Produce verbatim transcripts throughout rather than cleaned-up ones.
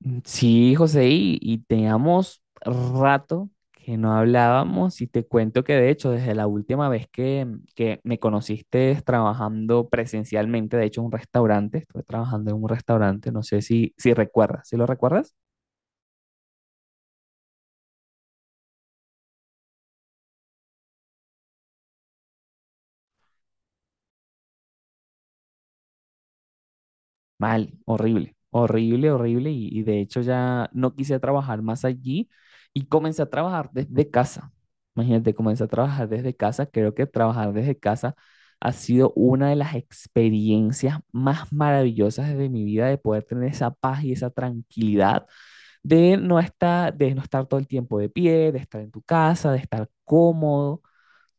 Mm, sí, José, y, y teníamos rato que no hablábamos y te cuento que de hecho desde la última vez que, que me conociste trabajando presencialmente, de hecho en un restaurante, estuve trabajando en un restaurante, no sé si, si recuerdas, ¿sí lo recuerdas? Mal, horrible, horrible, horrible. Y, y de hecho ya no quise trabajar más allí y comencé a trabajar desde casa. Imagínate, comencé a trabajar desde casa. Creo que trabajar desde casa ha sido una de las experiencias más maravillosas de mi vida, de poder tener esa paz y esa tranquilidad de no estar, de no estar todo el tiempo de pie, de estar en tu casa, de estar cómodo.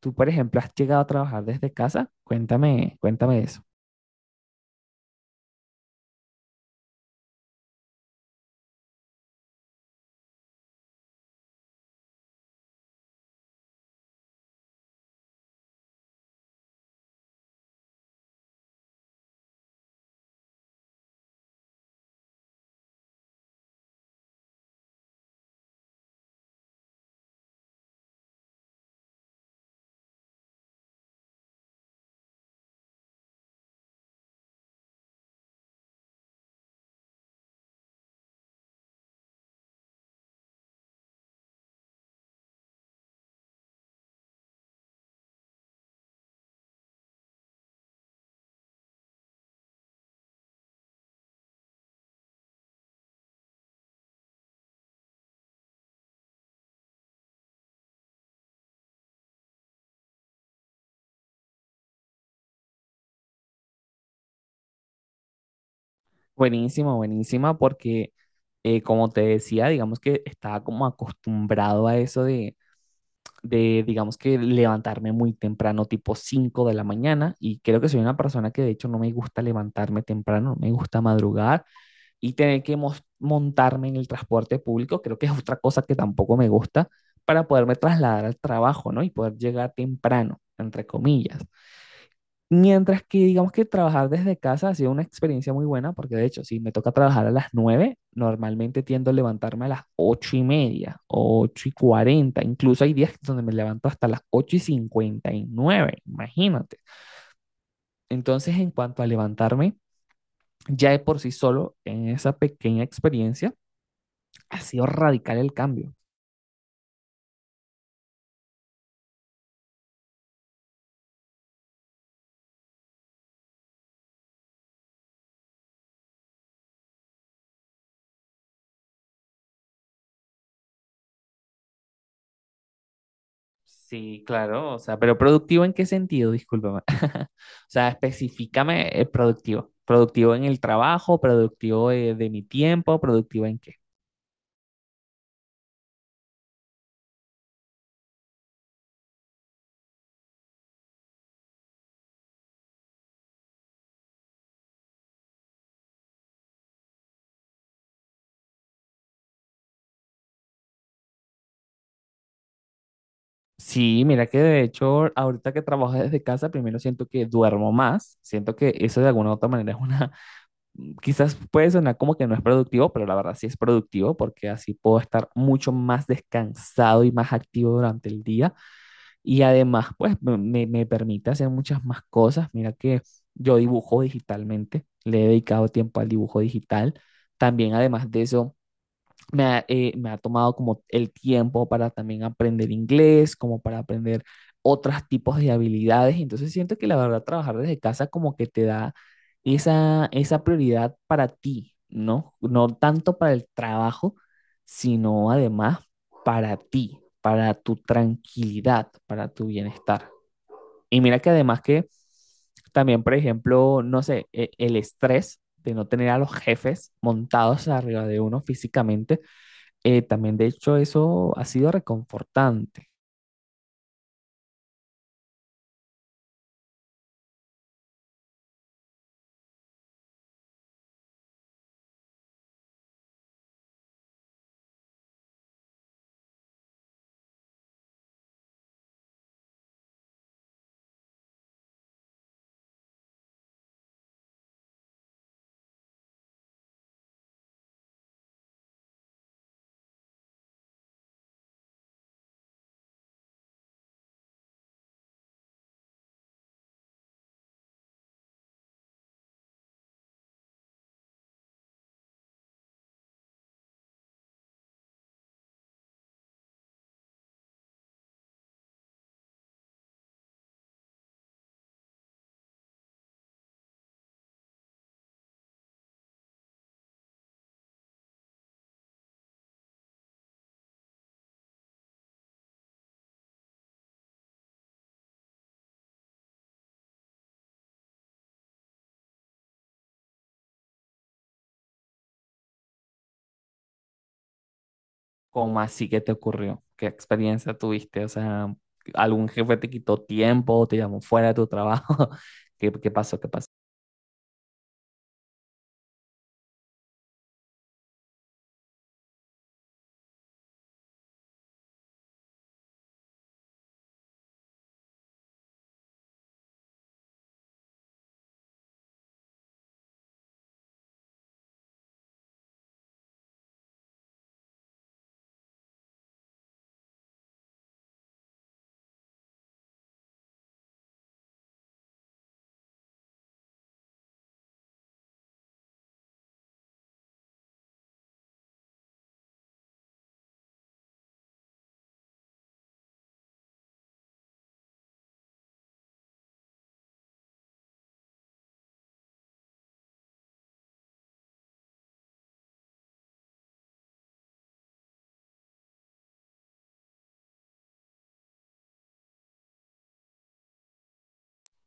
Tú, por ejemplo, has llegado a trabajar desde casa. Cuéntame, cuéntame eso. Buenísima, buenísima, porque eh, como te decía, digamos que estaba como acostumbrado a eso de, de, digamos que levantarme muy temprano, tipo cinco de la mañana, y creo que soy una persona que de hecho no me gusta levantarme temprano, no me gusta madrugar y tener que mos- montarme en el transporte público, creo que es otra cosa que tampoco me gusta para poderme trasladar al trabajo, ¿no? Y poder llegar temprano, entre comillas. Mientras que digamos que trabajar desde casa ha sido una experiencia muy buena, porque de hecho, si me toca trabajar a las nueve normalmente tiendo a levantarme a las ocho y media, ocho y cuarenta, incluso hay días donde me levanto hasta las ocho y cincuenta y nueve, imagínate. Entonces, en cuanto a levantarme, ya de por sí solo, en esa pequeña experiencia, ha sido radical el cambio. Sí, claro, o sea, pero productivo en qué sentido, discúlpame. O sea, especificame eh, productivo. Productivo en el trabajo, productivo eh, de mi tiempo, productivo en qué. Sí, mira que de hecho, ahorita que trabajo desde casa, primero siento que duermo más. Siento que eso de alguna u otra manera es una, quizás puede sonar como que no es productivo, pero la verdad sí es productivo porque así puedo estar mucho más descansado y más activo durante el día. Y además, pues me, me- me permite hacer muchas más cosas. Mira que yo dibujo digitalmente, le he dedicado tiempo al dibujo digital. También, además de eso, me ha, eh, me ha tomado como el tiempo para también aprender inglés, como para aprender otros tipos de habilidades. Entonces siento que la verdad trabajar desde casa como que te da esa, esa prioridad para ti, ¿no? No tanto para el trabajo, sino además para ti, para tu tranquilidad, para tu bienestar. Y mira que además que también, por ejemplo, no sé, e- el estrés de no tener a los jefes montados arriba de uno físicamente eh, también, de hecho, eso ha sido reconfortante. ¿Cómo así que te ocurrió? ¿Qué experiencia tuviste? O sea, ¿algún jefe te quitó tiempo, te llamó fuera de tu trabajo? ¿Qué, qué pasó? ¿Qué pasó?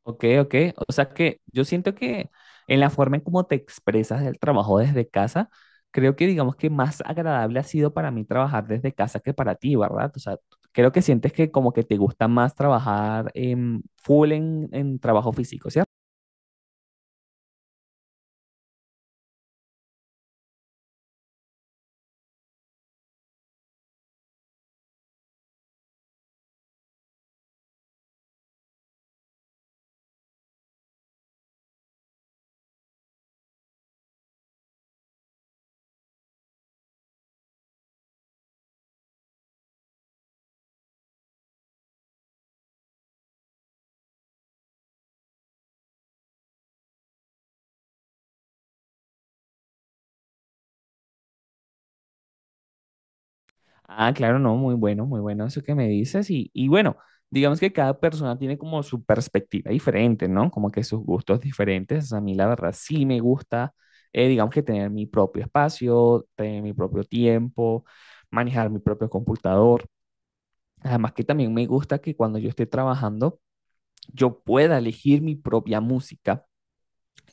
Ok, ok. O sea que yo siento que en la forma en cómo te expresas del trabajo desde casa, creo que digamos que más agradable ha sido para mí trabajar desde casa que para ti, ¿verdad? O sea, creo que sientes que como que te gusta más trabajar en full en, en trabajo físico, ¿cierto? Ah, claro, no, muy bueno, muy bueno eso que me dices. Y, y bueno, digamos que cada persona tiene como su perspectiva diferente, ¿no? Como que sus gustos diferentes. A mí, la verdad, sí me gusta, eh, digamos que tener mi propio espacio, tener mi propio tiempo, manejar mi propio computador. Además que también me gusta que cuando yo esté trabajando, yo pueda elegir mi propia música.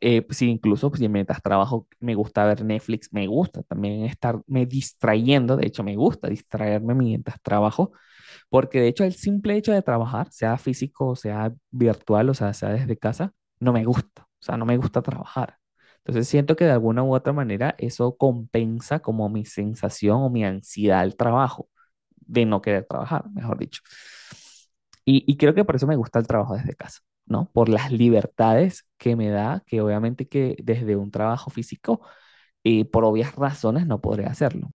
Eh, sí, incluso pues, si mientras trabajo me gusta ver Netflix, me gusta también estarme distrayendo, de hecho me gusta distraerme mientras trabajo porque de hecho el simple hecho de trabajar, sea físico, sea virtual, o sea, sea desde casa, no me gusta. O sea, no me gusta trabajar. Entonces siento que de alguna u otra manera eso compensa como mi sensación o mi ansiedad al trabajo, de no querer trabajar, mejor dicho. Y, y creo que por eso me gusta el trabajo desde casa, ¿no? Por las libertades que me da, que obviamente que desde un trabajo físico, eh, por obvias razones, no podré hacerlo.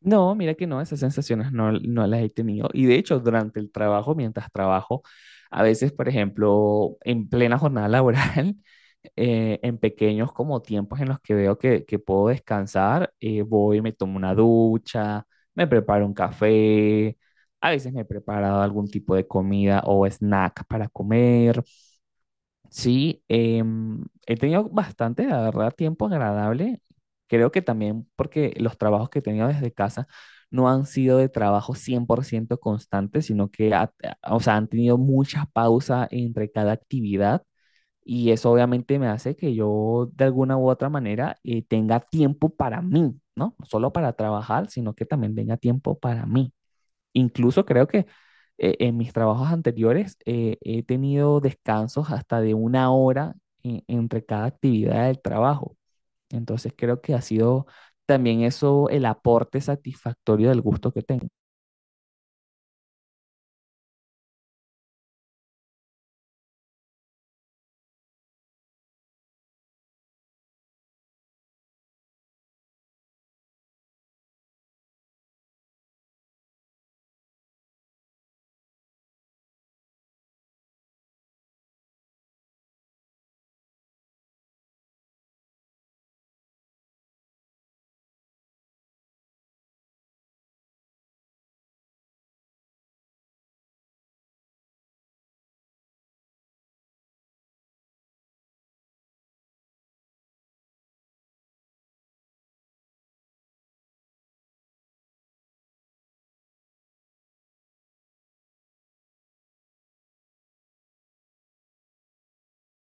No, mira que no, esas sensaciones no, no las he tenido. Y de hecho, durante el trabajo, mientras trabajo, a veces, por ejemplo, en plena jornada laboral, eh, en pequeños como tiempos en los que veo que, que puedo descansar, eh, voy, y me tomo una ducha, me preparo un café, a veces me he preparado algún tipo de comida o snack para comer. Sí, em, he tenido bastante, la verdad, tiempo agradable. Creo que también porque los trabajos que he tenido desde casa no han sido de trabajo cien por ciento constante, sino que ha- o sea, han tenido muchas pausas entre cada actividad y eso obviamente me hace que yo de alguna u otra manera eh, tenga tiempo para mí, ¿no? No solo para trabajar, sino que también tenga tiempo para mí. Incluso creo que eh, en mis trabajos anteriores eh, he tenido descansos hasta de una hora en- entre cada actividad del trabajo. Entonces creo que ha sido también eso el aporte satisfactorio del gusto que tengo.